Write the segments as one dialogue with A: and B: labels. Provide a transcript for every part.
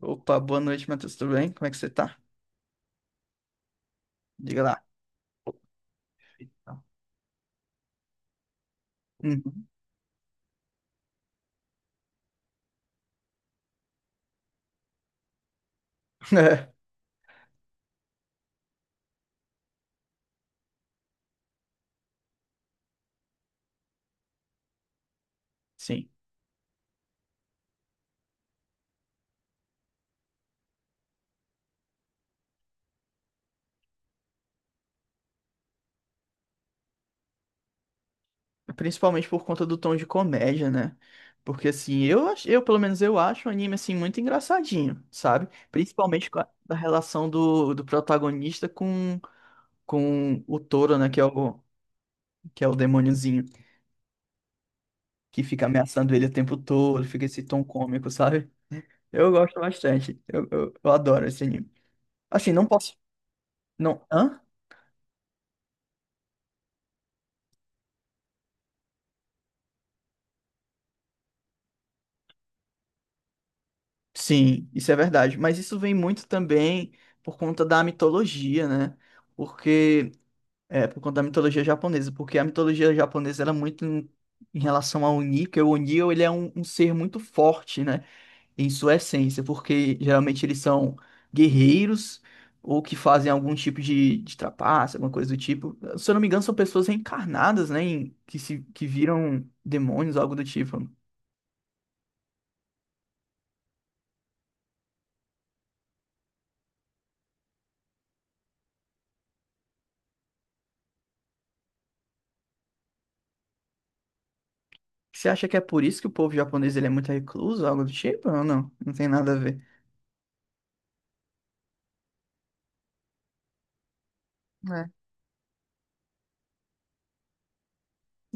A: Opa, boa noite, Matheus. Tudo bem? Como é que você tá? Diga lá. Uhum. É, sim. É, principalmente por conta do tom de comédia, né? Porque assim, eu pelo menos eu acho o anime assim muito engraçadinho, sabe? Principalmente com da relação do protagonista com o touro, né? Que é o demôniozinho que fica ameaçando ele o tempo todo, fica esse tom cômico, sabe? Eu gosto bastante. Eu adoro esse anime. Assim, não posso. Não. Hã? Sim, isso é verdade. Mas isso vem muito também por conta da mitologia, né? Porque é por conta da mitologia japonesa, porque a mitologia japonesa ela é muito em relação ao Oni, que o Oni ele é um ser muito forte, né? Em sua essência, porque geralmente eles são guerreiros ou que fazem algum tipo de trapaça, alguma coisa do tipo. Se eu não me engano, são pessoas reencarnadas, né? em- que se que viram demônios, algo do tipo. Você acha que é por isso que o povo japonês ele é muito recluso, algo do tipo? Ou não? Não tem nada a ver. Né?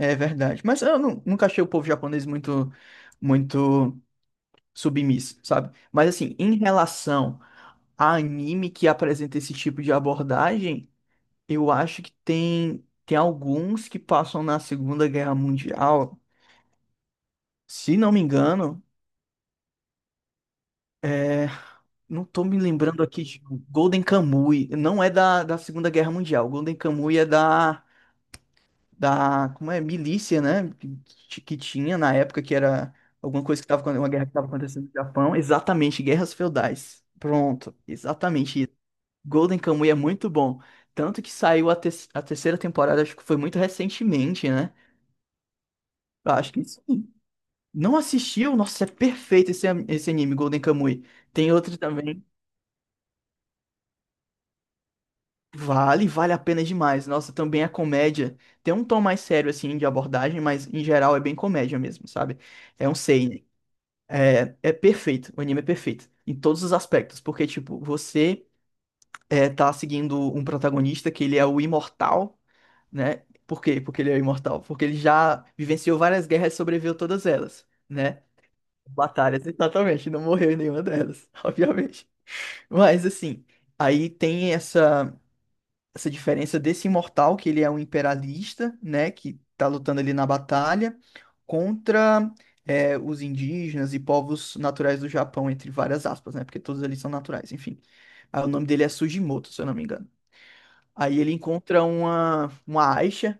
A: É verdade. Mas eu nunca achei o povo japonês muito, muito submisso, sabe? Mas assim, em relação a anime que apresenta esse tipo de abordagem, eu acho que tem alguns que passam na Segunda Guerra Mundial. Se não me engano, é, não tô me lembrando aqui de Golden Kamuy. Não é da Segunda Guerra Mundial. Golden Kamuy é da, como é, milícia, né? Que tinha na época, que era alguma coisa que estava, uma guerra que estava acontecendo no Japão. Exatamente, guerras feudais. Pronto, exatamente isso. Golden Kamuy é muito bom. Tanto que saiu a terceira temporada, acho que foi muito recentemente, né? Eu acho que sim. Não assistiu? Nossa, é perfeito esse anime, Golden Kamuy. Tem outro também. Vale a pena demais. Nossa, também é comédia. Tem um tom mais sério, assim, de abordagem, mas em geral é bem comédia mesmo, sabe? É um seinen. É perfeito, o anime é perfeito, em todos os aspectos, porque, tipo, você tá seguindo um protagonista que ele é o imortal, né? Por quê? Porque ele é o imortal, porque ele já vivenciou várias guerras e sobreviveu todas elas, né? Batalhas, exatamente, não morreu em nenhuma delas, obviamente. Mas, assim, aí tem essa diferença desse imortal, que ele é um imperialista, né, que tá lutando ali na batalha, contra os indígenas e povos naturais do Japão, entre várias aspas, né, porque todos ali são naturais, enfim. Aí o nome dele é Sugimoto, se eu não me engano. Aí ele encontra uma, Aisha,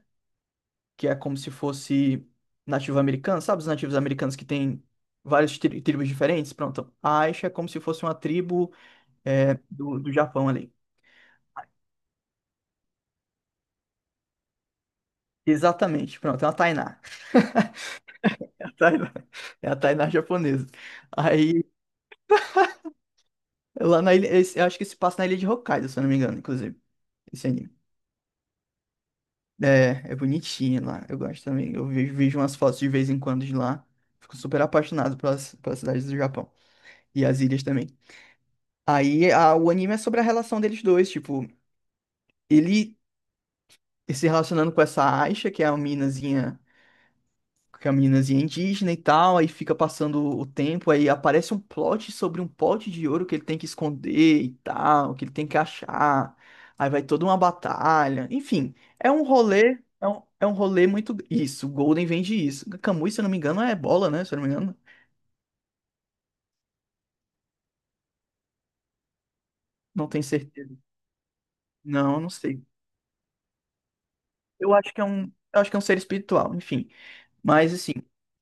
A: que é como se fosse nativo americano, sabe os nativos americanos que tem várias tribos diferentes? Pronto, a Aisha é como se fosse uma tribo do Japão ali. Exatamente, pronto, é uma Tainá. Tainá. É a Tainá japonesa. Aí, lá na ilha, eu acho que se passa na ilha de Hokkaido, se eu não me engano, inclusive, esse anime. É bonitinho lá, eu gosto também. Eu vejo umas fotos de vez em quando de lá. Fico super apaixonado pelas cidades do Japão. E as ilhas também. Aí, o anime é sobre a relação deles dois, tipo, ele se relacionando com essa Aisha, que é a minazinha, que a meninazinha é indígena e tal, aí fica passando o tempo, aí aparece um plot sobre um pote de ouro que ele tem que esconder e tal, que ele tem que achar. Aí vai toda uma batalha. Enfim, é um rolê, é um rolê muito. Isso, o Golden vende isso. Camus, se eu não me engano, é bola, né? Se eu não me engano. Não tenho certeza. Não, eu não sei. Eu acho que é um, eu acho que é um ser espiritual, enfim. Mas assim,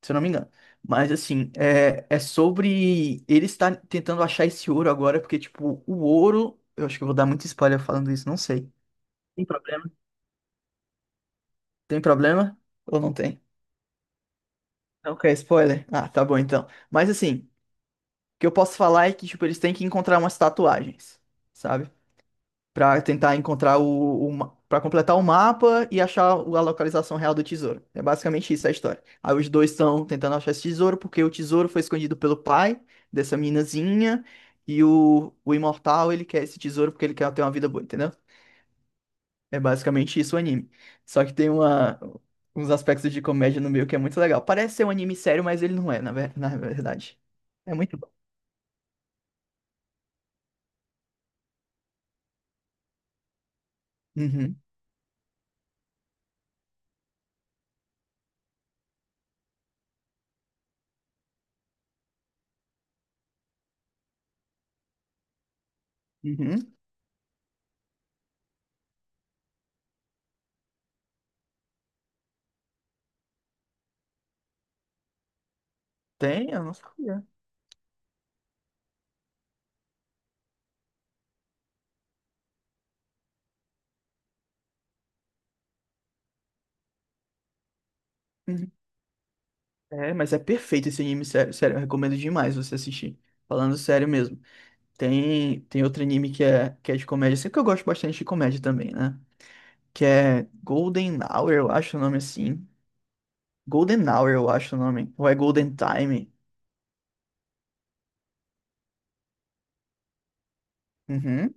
A: se eu não me engano. Mas assim, é sobre ele estar tentando achar esse ouro agora, porque, tipo, o ouro. Eu acho que eu vou dar muito spoiler falando isso, não sei. Tem problema? Tem problema? Ou não tem? Não quer spoiler? Ah, tá bom então. Mas assim, o que eu posso falar é que, tipo, eles têm que encontrar umas tatuagens, sabe? para tentar encontrar o, para completar o mapa e achar a localização real do tesouro. É basicamente isso a história. Aí os dois estão tentando achar esse tesouro porque o tesouro foi escondido pelo pai dessa meninazinha e o imortal ele quer esse tesouro porque ele quer ter uma vida boa, entendeu? É basicamente isso o anime. Só que tem uma uns aspectos de comédia no meio que é muito legal. Parece ser um anime sério, mas ele não é, na verdade. É muito bom. Uhum, uhum. Tem, eu não sabia. Uhum. É, mas é perfeito esse anime, sério, sério, eu recomendo demais você assistir. Falando sério mesmo. Tem outro anime que é de comédia, sempre que eu gosto bastante de comédia também, né? Que é Golden Hour, eu acho o nome assim. Golden Hour, eu acho o nome. Ou é Golden Time. Uhum,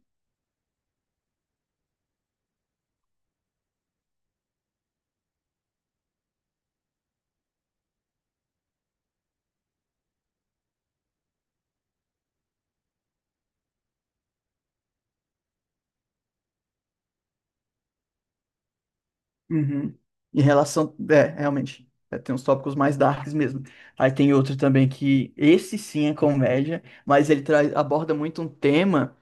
A: uhum. Em relação. É, realmente. Tem uns tópicos mais darks mesmo. Aí tem outro também que. Esse sim é comédia, mas ele traz, aborda muito um tema.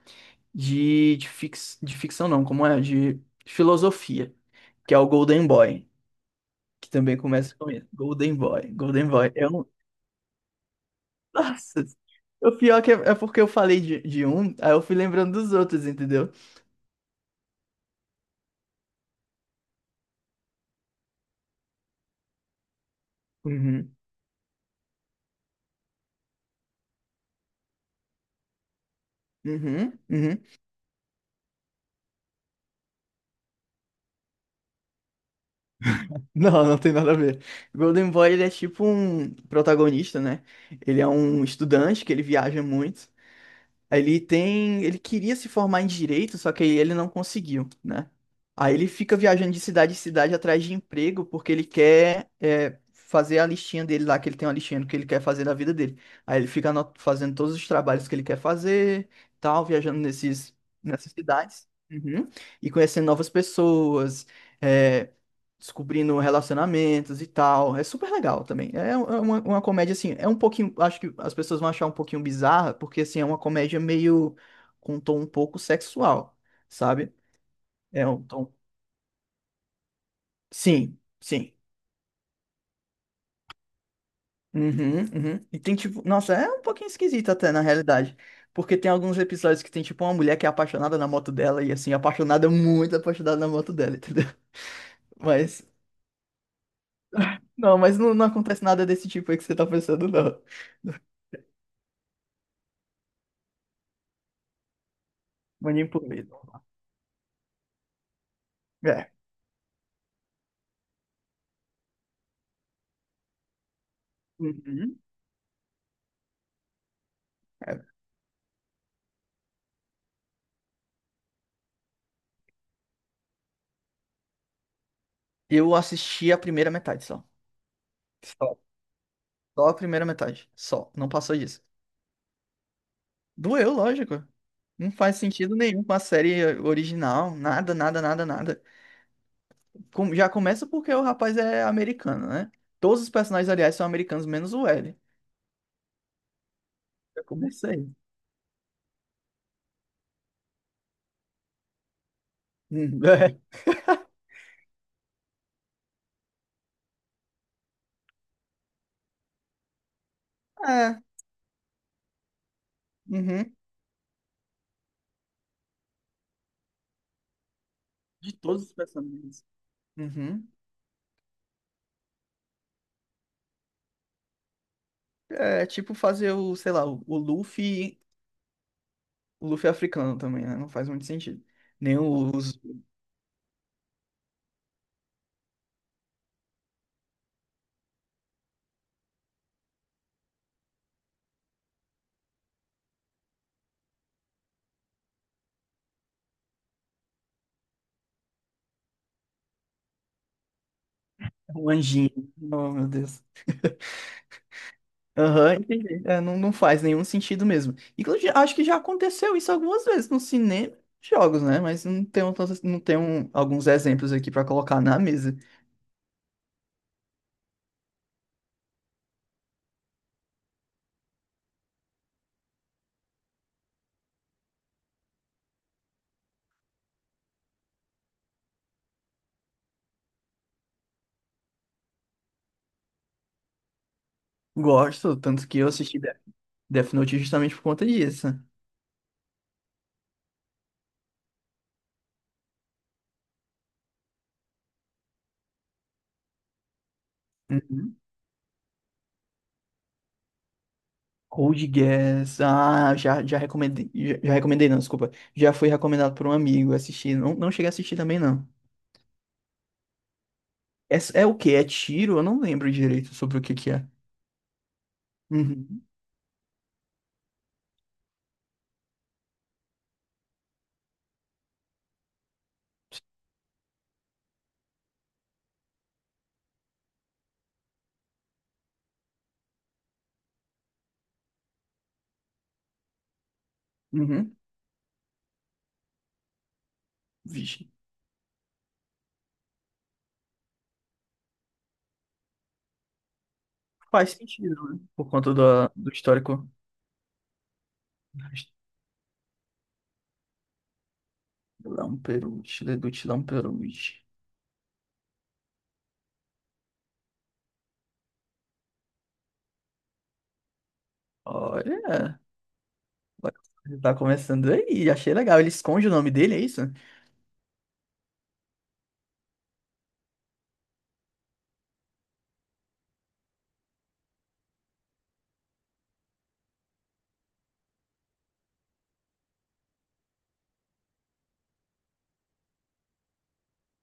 A: de, de, fix, de ficção não, como é? De filosofia, que é o Golden Boy, que também começa com ele. Golden Boy, Golden Boy. Eu não... Nossa, o pior que é porque eu falei de um, aí eu fui lembrando dos outros, entendeu? Uhum. Uhum, uhum. Não, não tem nada a ver. Golden Boy, ele é tipo um protagonista, né? Ele é um estudante que ele viaja muito. Ele queria se formar em direito, só que aí ele não conseguiu, né? Aí ele fica viajando de cidade em cidade atrás de emprego, porque ele quer fazer a listinha dele lá, que ele tem uma listinha do que ele quer fazer da vida dele. Aí ele fica fazendo todos os trabalhos que ele quer fazer, tal, viajando nesses, nessas cidades, uhum, e conhecendo novas pessoas, é, descobrindo relacionamentos e tal. É super legal também. É uma comédia, assim, é um pouquinho. Acho que as pessoas vão achar um pouquinho bizarra, porque, assim, é uma comédia meio com um tom um pouco sexual, sabe? É um tom. Sim, sim. Uhum, uhum. E tem tipo. Nossa, é um pouquinho esquisito até, na realidade. Porque tem alguns episódios que tem, tipo, uma mulher que é apaixonada na moto dela, e assim, apaixonada, muito apaixonada na moto dela, entendeu? Mas. Não, mas não, não acontece nada desse tipo aí que você tá pensando, não. Mas nem por medo. É. Uhum. É. Eu assisti a primeira metade só. Só. Só a primeira metade. Só. Não passou disso. Doeu, lógico. Não faz sentido nenhum com a série original. Nada, nada, nada, nada. Já começa porque o rapaz é americano, né? Todos os personagens, aliás, são americanos, menos o L. Já comecei. Hum, É. É. Uhum. De todos os personagens. Uhum. É tipo fazer o, sei lá, o Luffy, o Luffy africano também, né? Não faz muito sentido. Nem os. Um anjinho. Oh, meu Deus. Aham, entendi. É, não, não faz nenhum sentido mesmo. Inclusive, acho que já aconteceu isso algumas vezes no cinema e jogos, né? Mas não tenho alguns exemplos aqui pra colocar na mesa. Gosto, tanto que eu assisti Death Note justamente por conta disso. Uhum. Code Geass. Ah, já recomendei. Já recomendei, não, desculpa. Já foi recomendado por um amigo assistir. Não, não cheguei a assistir também, não. É o quê? É tiro? Eu não lembro direito sobre o que que é. Uhum. Uhum. Vixe. Faz sentido, né? Por conta do histórico. Castelão Peruche, Leduc Lamperuche. Olha, tá começando aí, achei legal. Ele esconde o nome dele, é isso?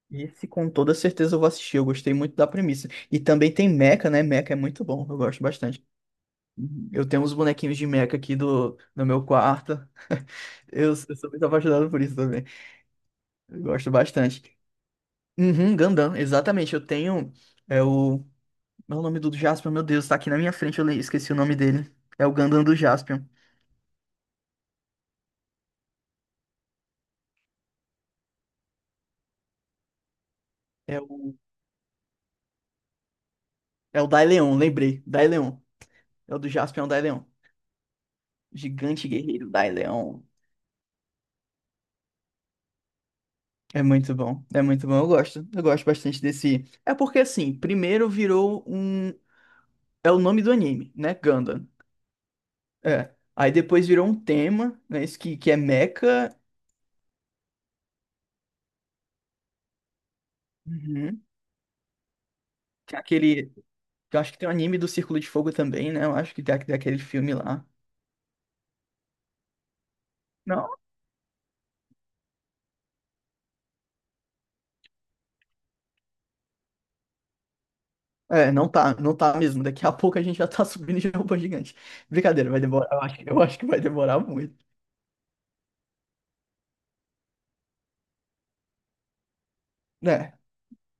A: Esse com toda certeza eu vou assistir, eu gostei muito da premissa. E também tem Mecha, né? Mecha é muito bom, eu gosto bastante. Uhum. Eu tenho uns bonequinhos de Mecha aqui no meu quarto. Eu sou muito apaixonado por isso também. Eu gosto bastante. Uhum, Gundam, exatamente. Eu tenho é, o Mas o nome do Jaspion, meu Deus, tá aqui na minha frente, eu esqueci o nome dele. É o Gundam do Jaspion. É o, é o Daileon, lembrei. Daileon. É o do Jaspion Daileon. Gigante guerreiro Daileon. É muito bom, eu gosto. Eu gosto bastante desse. É porque assim, primeiro virou um. É o nome do anime, né? Gundam. É. Aí depois virou um tema, né? Isso que é Mecha. Uhum. Que é aquele. Eu acho que tem um anime do Círculo de Fogo também, né? Eu acho que tem aquele filme lá. É, não tá mesmo. Daqui a pouco a gente já tá subindo de robô gigante. Brincadeira, vai demorar. Eu acho que vai demorar muito. Né?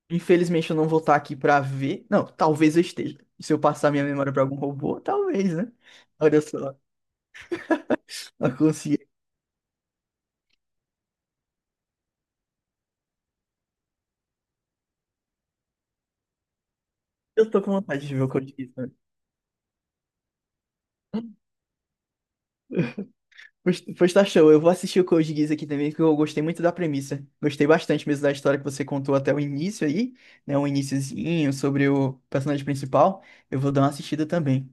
A: Infelizmente eu não vou estar aqui pra ver. Não, talvez eu esteja. Se eu passar minha memória pra algum robô, talvez, né? Olha só, eu consegui. Eu tô com vontade de ver o Code Geass, né? Pois tá show, eu vou assistir o Code Geass aqui também, que eu gostei muito da premissa. Gostei bastante mesmo da história que você contou até o início aí, né? Um iniciozinho sobre o personagem principal. Eu vou dar uma assistida também.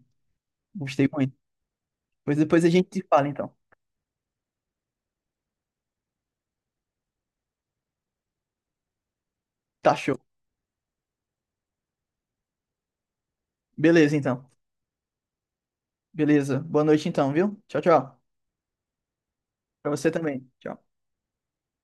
A: Gostei muito. Mas depois a gente se fala, então. Tá show. Beleza, então. Beleza. Boa noite, então, viu? Tchau, tchau. Pra você também. Tchau.